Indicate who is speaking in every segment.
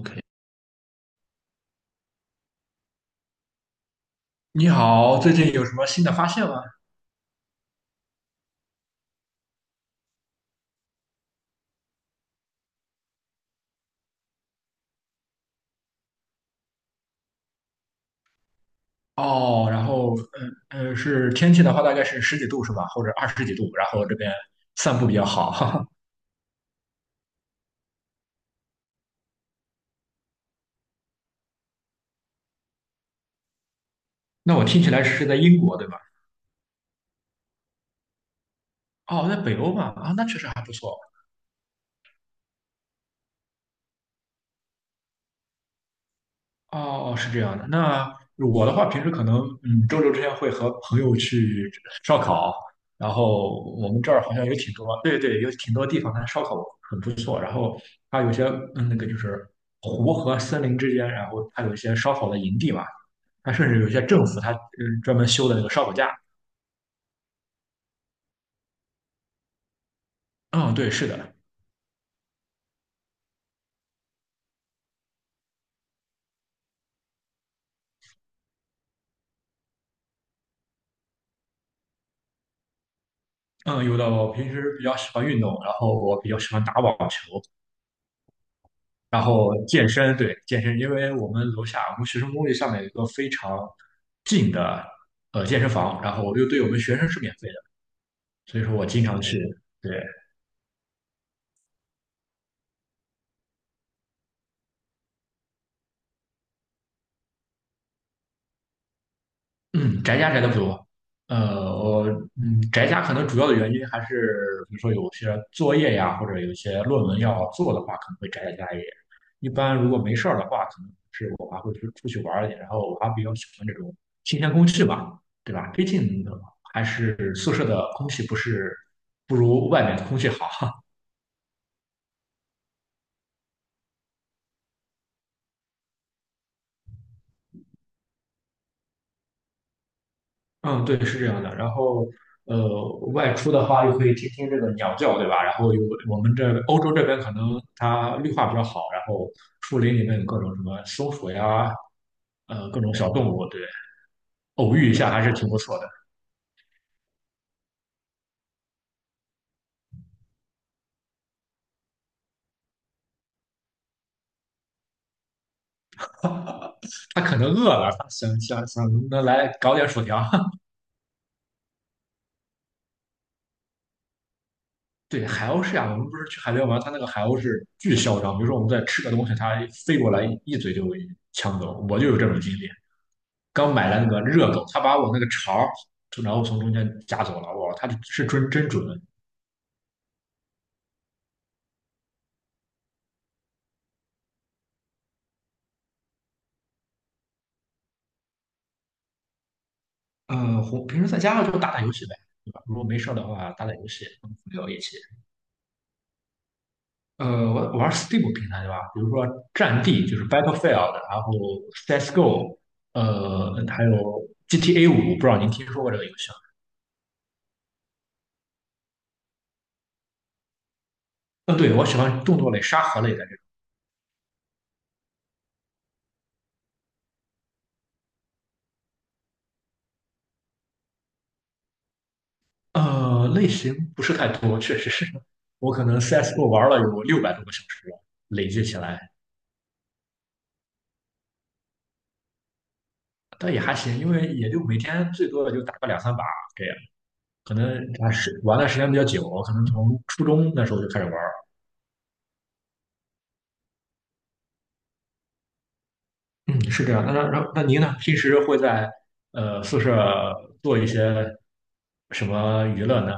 Speaker 1: OK，你好，最近有什么新的发现吗？哦，然后，嗯嗯，是天气的话，大概是十几度是吧？或者二十几度，然后这边散步比较好。哈哈。那我听起来是在英国对吧？哦，在北欧嘛，啊，那确实还不错。哦，哦是这样的。那我的话，平时可能，周六之前会和朋友去烧烤，然后我们这儿好像有挺多，对对，有挺多地方它烧烤很不错。然后它有些，那个就是湖和森林之间，然后它有一些烧烤的营地嘛。它甚至有些政府它专门修的那个烧烤架。嗯，对，是的。嗯，有的。我平时比较喜欢运动，然后我比较喜欢打网球。然后健身，对，健身，因为我们楼下我们学生公寓上面有一个非常近的健身房，然后又对我们学生是免费的，所以说我经常去，对，嗯，宅家宅的不多。呃，我宅家可能主要的原因还是，比如说有些作业呀，或者有些论文要做的话，可能会宅在家里。一般如果没事儿的话，可能是我还会出去玩儿一点。然后我还比较喜欢这种新鲜空气吧，对吧？毕竟还是宿舍的空气不是不如外面的空气好。嗯，对，是这样的。然后，外出的话又可以听听这个鸟叫，对吧？然后有我们这欧洲这边可能它绿化比较好，然后树林里面有各种什么松鼠呀，各种小动物，对，偶遇一下还是挺不错的。它可能饿了，它想能来搞点薯条。对，海鸥是这样，我们不是去海边玩，它那个海鸥是巨嚣张，比如说我们在吃个东西，它飞过来一嘴就给抢走。我就有这种经历。刚买了那个热狗，他把我那个肠儿，然后从中间夹走了。哇，他是真真准。红平时在家就打打游戏呗，对吧？如果没事儿的话，打打游戏，跟朋友一起。我玩 Steam 平台对吧？比如说《战地》就是 Battlefield，然后 CS:GO，还有 GTA 五，不知道您听说过这个游戏吗？嗯，对，我喜欢动作类、沙盒类的这种。类型不是太多，确实是。我可能 CS:GO 玩了有600多个小时了，累计起来。但也还行，因为也就每天最多也就打个两三把这样，可能还是玩的时间比较久，可能从初中那时候就开始玩嗯，是这样。那您呢？平时会在宿舍做一些什么娱乐呢？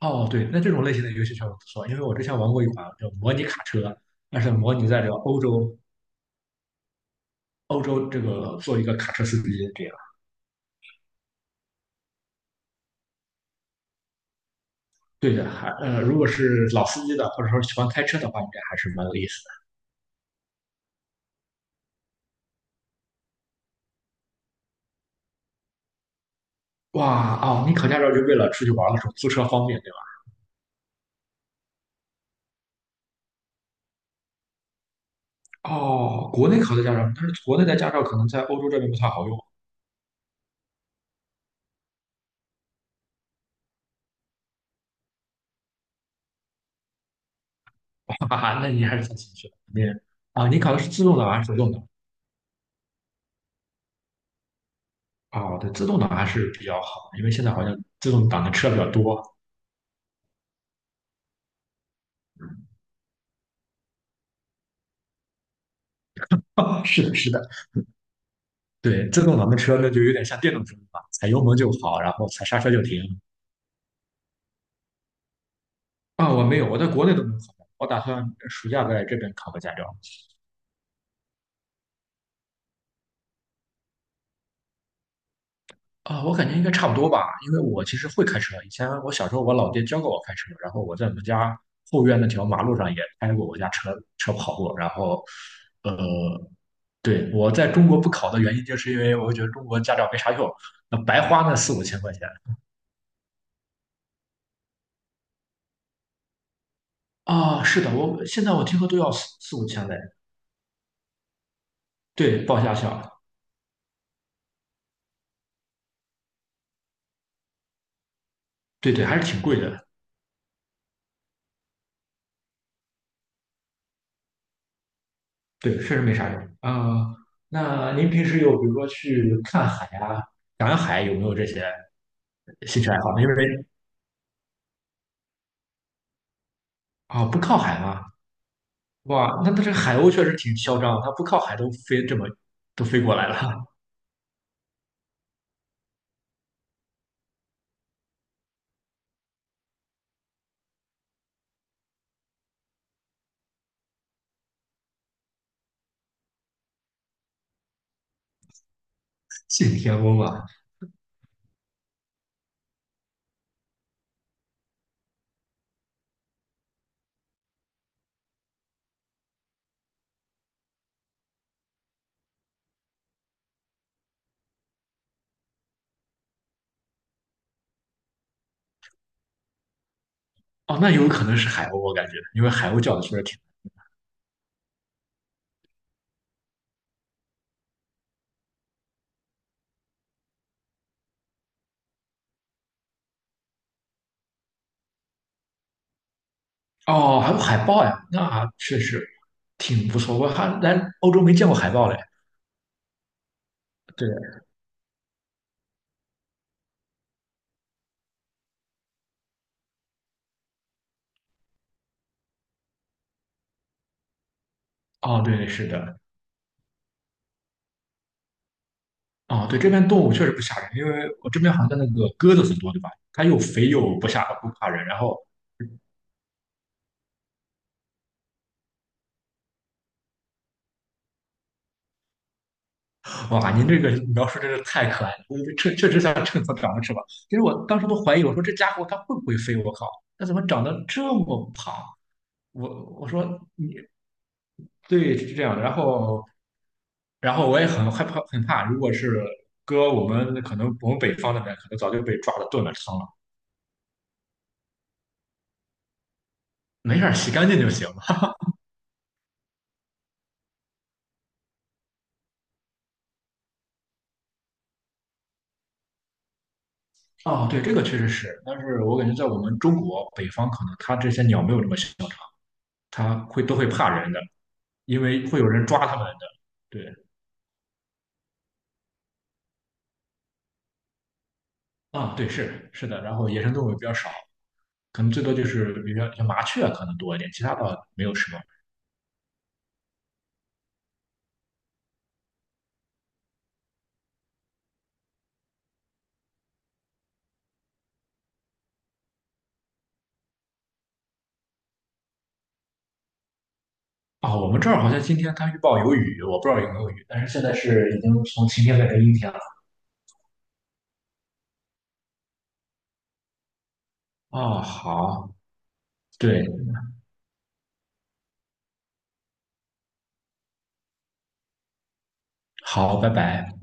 Speaker 1: 哦，对，那这种类型的游戏确实不错，因为我之前玩过一款叫模拟卡车，但是模拟在这个欧洲，欧洲这个做一个卡车司机这样。对的，如果是老司机的，或者说喜欢开车的话，应该还是蛮有意思的。哇哦，你考驾照就为了出去玩的时候租车方便，对吧？哦，国内考的驾照，但是国内的驾照可能在欧洲这边不太好用，哈哈，那你还是太谦虚了。啊，你考的是自动挡还是手动挡？哦，对，自动挡还是比较好，因为现在好像自动挡的车比较多。是的，是的，对，自动挡的车那就有点像电动车了，踩油门就跑，然后踩刹车就停。啊，我没有，我在国内都没有考过，我打算暑假在这边考个驾照。啊、我感觉应该差不多吧，因为我其实会开车。以前我小时候，我老爹教过我开车，然后我在我们家后院那条马路上也开过我家车跑过。然后，呃，对，我在中国不考的原因，就是因为我觉得中国驾照没啥用，那白花那四五千块钱。啊、是的，我现在我听说都要四五千嘞。对，报驾校，对对，还是挺贵的。对，确实没啥用。啊、那您平时有比如说去看海啊、赶海，有没有这些兴趣爱好呢？因为啊，不靠海吗？哇，那它这海鸥确实挺嚣张它不靠海都飞这么都飞过来了，信天翁啊！哦，那有可能是海鸥，我感觉，因为海鸥叫的确实挺……哦，还有海豹呀，那确实挺不错。我还来欧洲没见过海豹嘞。对，哦，对，是的，哦，对，这边动物确实不吓人，因为我这边好像那个鸽子很多，对吧？它又肥又不怕人，然后哇，您这个描述真是太可爱了，我确实像秤砣长了翅膀。其实我当时都怀疑，我说这家伙它会不会飞？我靠，它怎么长得这么胖？我说你对是这样的，然后我也很害怕，很怕，如果是搁我们可能我们北方那边，可能早就被抓了炖了汤了。没事儿，洗干净就行了。哦，对，这个确实是，但是我感觉在我们中国北方，可能它这些鸟没有这么嚣张，它会都会怕人的，因为会有人抓它们的。对。啊，对，是的，然后野生动物也比较少，可能最多就是比如说像麻雀可能多一点，其他倒没有什么。啊，我们这儿好像今天它预报有雨，我不知道有没有雨，但是现在是已经从晴天变成阴天了。啊，好，对，好，拜拜。